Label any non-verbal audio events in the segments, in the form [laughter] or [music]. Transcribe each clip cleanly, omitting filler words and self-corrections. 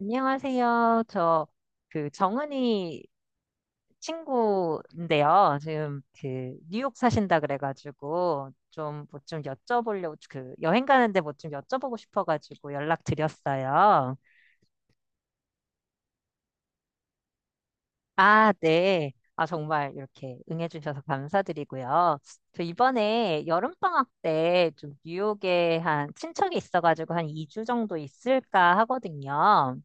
안녕하세요. 정은이 친구인데요. 뉴욕 사신다 그래가지고, 여행 가는데 뭐 좀 여쭤보고 싶어가지고 연락드렸어요. 아, 네. 아, 정말 이렇게 응해주셔서 감사드리고요. 저 이번에 여름방학 때 좀 뉴욕에 한 친척이 있어가지고 한 2주 정도 있을까 하거든요.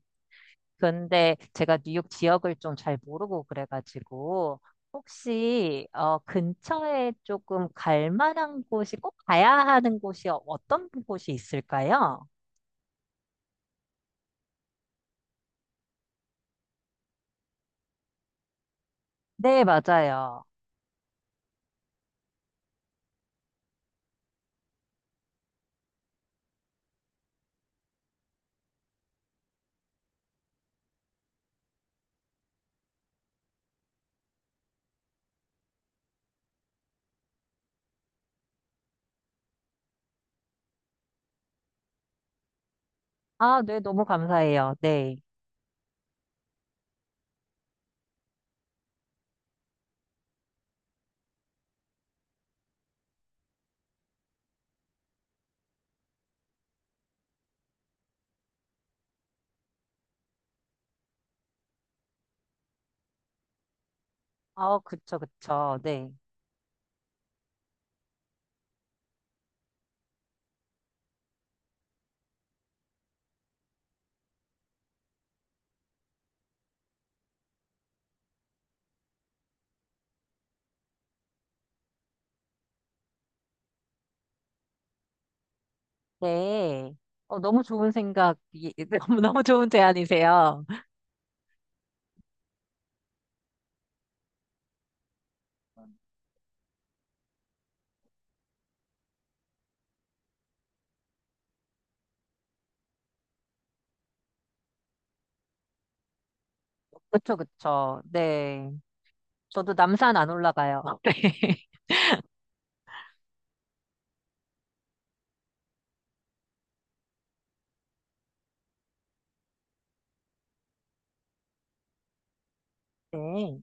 근데 제가 뉴욕 지역을 좀 잘 모르고 그래가지고 혹시 근처에 조금 갈 만한 곳이 꼭 가야 하는 곳이 어떤 곳이 있을까요? 네, 맞아요. 아, 네, 너무 감사해요. 네. 아, 그쵸, 그쵸. 네. 네. 어, 너무 좋은 생각, [laughs] 너무 좋은 제안이세요. 그쵸, 그쵸. 네. 저도 남산 안 올라가요. [laughs] 네.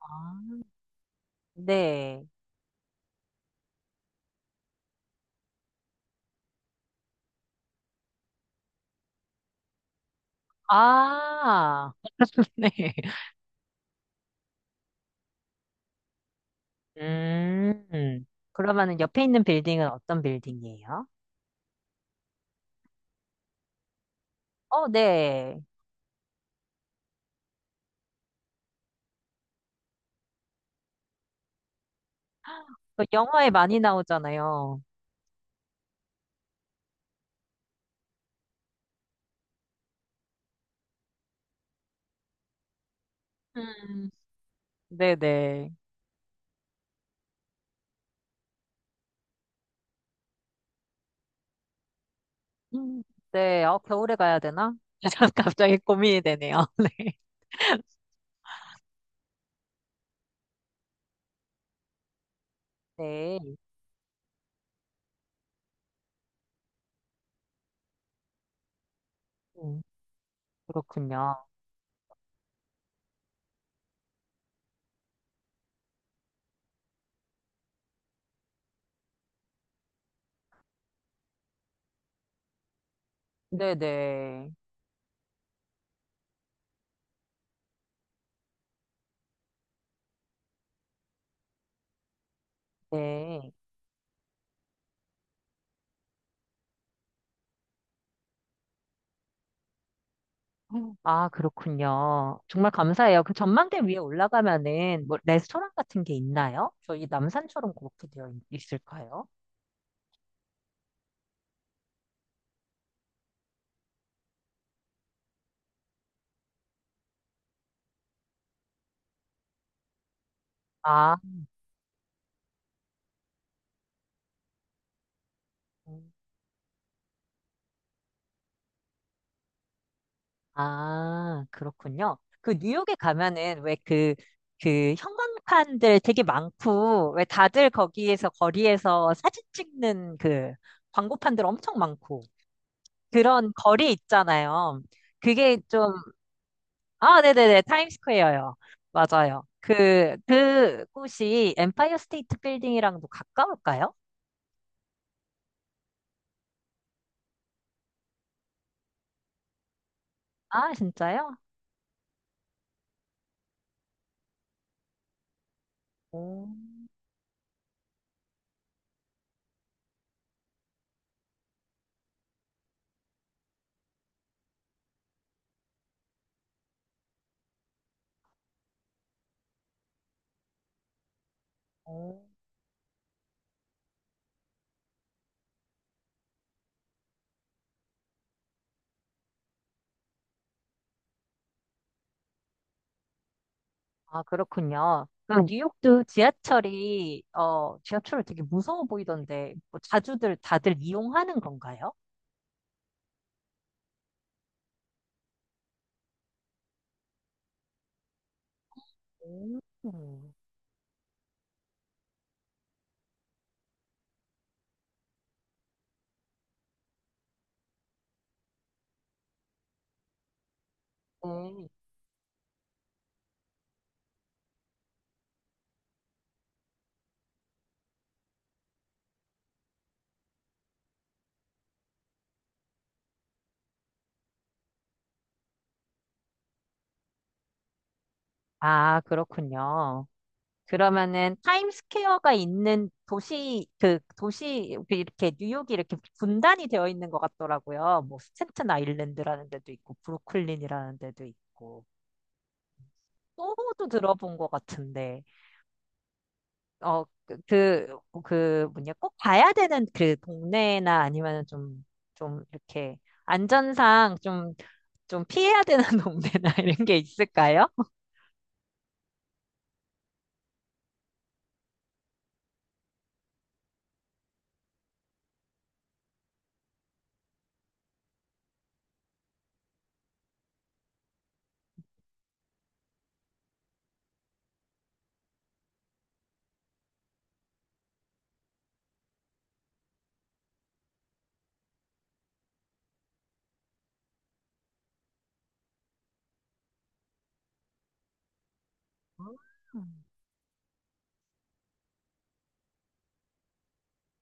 아, 네. 아, [laughs] 네. 음, 그러면은 옆에 있는 빌딩은 어떤 빌딩이에요? 어, 네. 그 영화에 많이 나오잖아요. 음, 네네. 음, 네. 어, 겨울에 가야 되나? [laughs] 갑자기 고민이 되네요. [laughs] 네. 네. 음, 그렇군요. 네네. 네. 아, 그렇군요. 정말 감사해요. 그 전망대 위에 올라가면은 뭐 레스토랑 같은 게 있나요? 저희 남산처럼 그렇게 있을까요? 아, 음. 아, 그렇군요. 그 뉴욕에 가면은 그 형광판들 되게 많고, 왜 다들 거기에서 거리에서 사진 찍는 그 광고판들 엄청 많고, 그런 거리 있잖아요. 그게 좀, 아, 네네네, 타임스퀘어요. 맞아요. 그 곳이 엠파이어 스테이트 빌딩이랑도 가까울까요? 아, 진짜요? 오, 오. 아, 그렇군요. 뉴욕도 지하철을 되게 무서워 보이던데 뭐 자주들 다들 이용하는 건가요? 음. 네. 아, 그렇군요. 그러면은 타임스퀘어가 있는 도시 그 도시 그 이렇게 뉴욕이 이렇게 분단이 되어 있는 것 같더라고요. 뭐 스탠튼 아일랜드라는 데도 있고 브루클린이라는 데도 있고 소호도 들어본 것 같은데 어, 그, 그 꼭 봐야 되는 그 동네나 아니면 이렇게 안전상 피해야 되는 [laughs] 동네나 이런 게 있을까요? 음.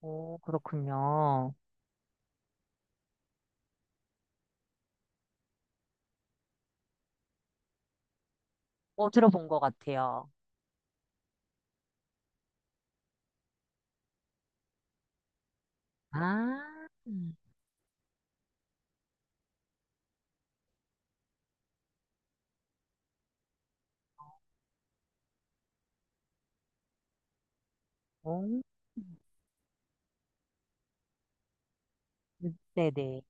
오, 그렇군요. 어, 들어본 것 같아요. 아, 오, 네네.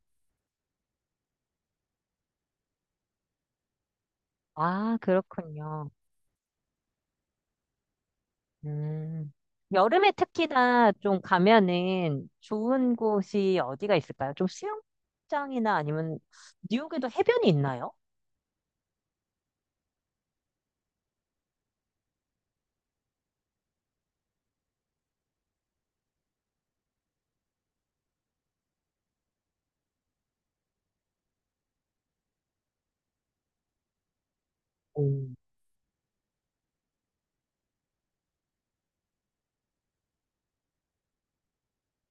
아, 그렇군요. 음. 여름에 특히나 좀 가면은 좋은 곳이 어디가 있을까요? 좀 수영장이나 아니면 뉴욕에도 해변이 있나요? 오,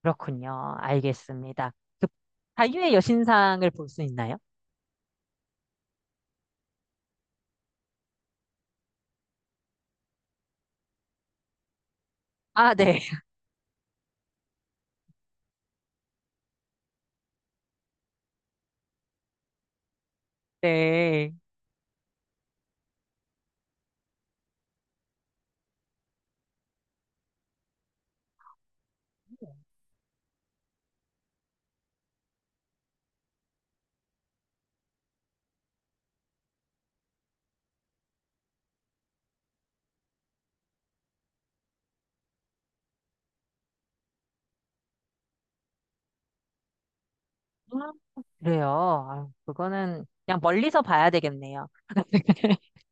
그렇군요. 알겠습니다. 그 자유의 여신상을 볼 수 있나요? 아, 네. [laughs] 네. 아, 그래요. 아, 그거는 그냥 멀리서 봐야 되겠네요. [laughs]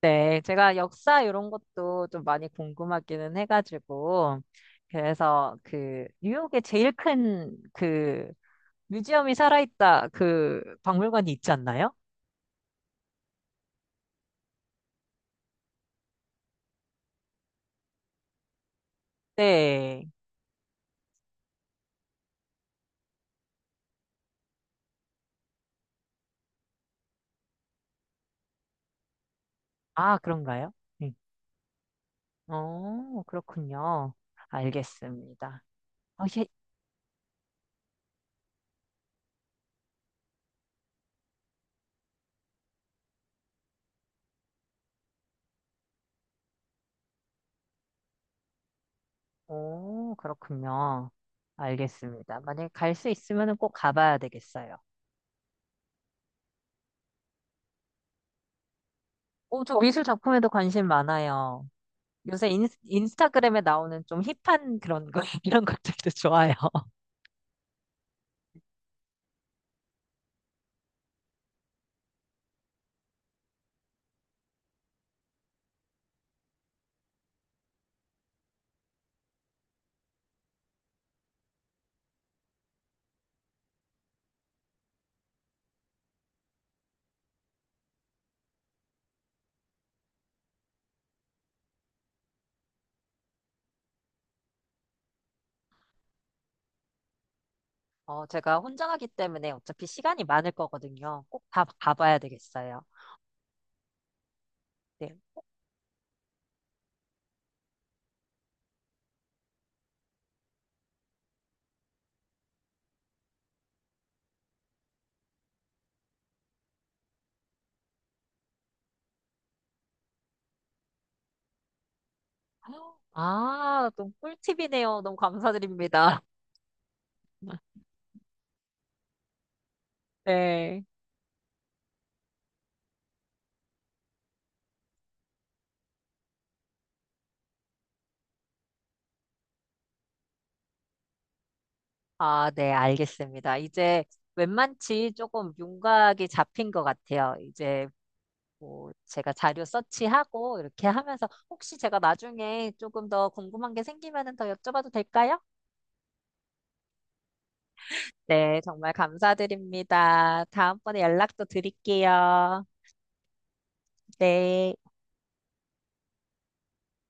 네. 제가 역사 이런 것도 좀 많이 궁금하기는 해가지고. 그래서 그 뉴욕에 제일 큰 그 뮤지엄이 살아있다 그 박물관이 있지 않나요? 네. 아, 그런가요? 네. 어, 그렇군요. 알겠습니다. 어, 예. 오, 그렇군요. 알겠습니다. 만약에 갈 수 있으면 꼭 가봐야 되겠어요. 오, 저 미술 작품에도 관심 많아요. 요새 인스타그램에 나오는 좀 힙한 그런 거, [laughs] 이런 것들도 좋아요. 어, 제가 혼자 가기 때문에 어차피 시간이 많을 거거든요. 꼭 다 가봐야 되겠어요. 네. 아, 또 꿀팁이네요. 너무 감사드립니다. [laughs] 네. 아, 네, 알겠습니다. 이제 웬만치 조금 윤곽이 잡힌 것 같아요. 이제 뭐 제가 자료 서치하고 이렇게 하면서 혹시 제가 나중에 조금 더 궁금한 게 생기면은 더 여쭤봐도 될까요? 네, 정말 감사드립니다. 다음번에 연락도 드릴게요. 네.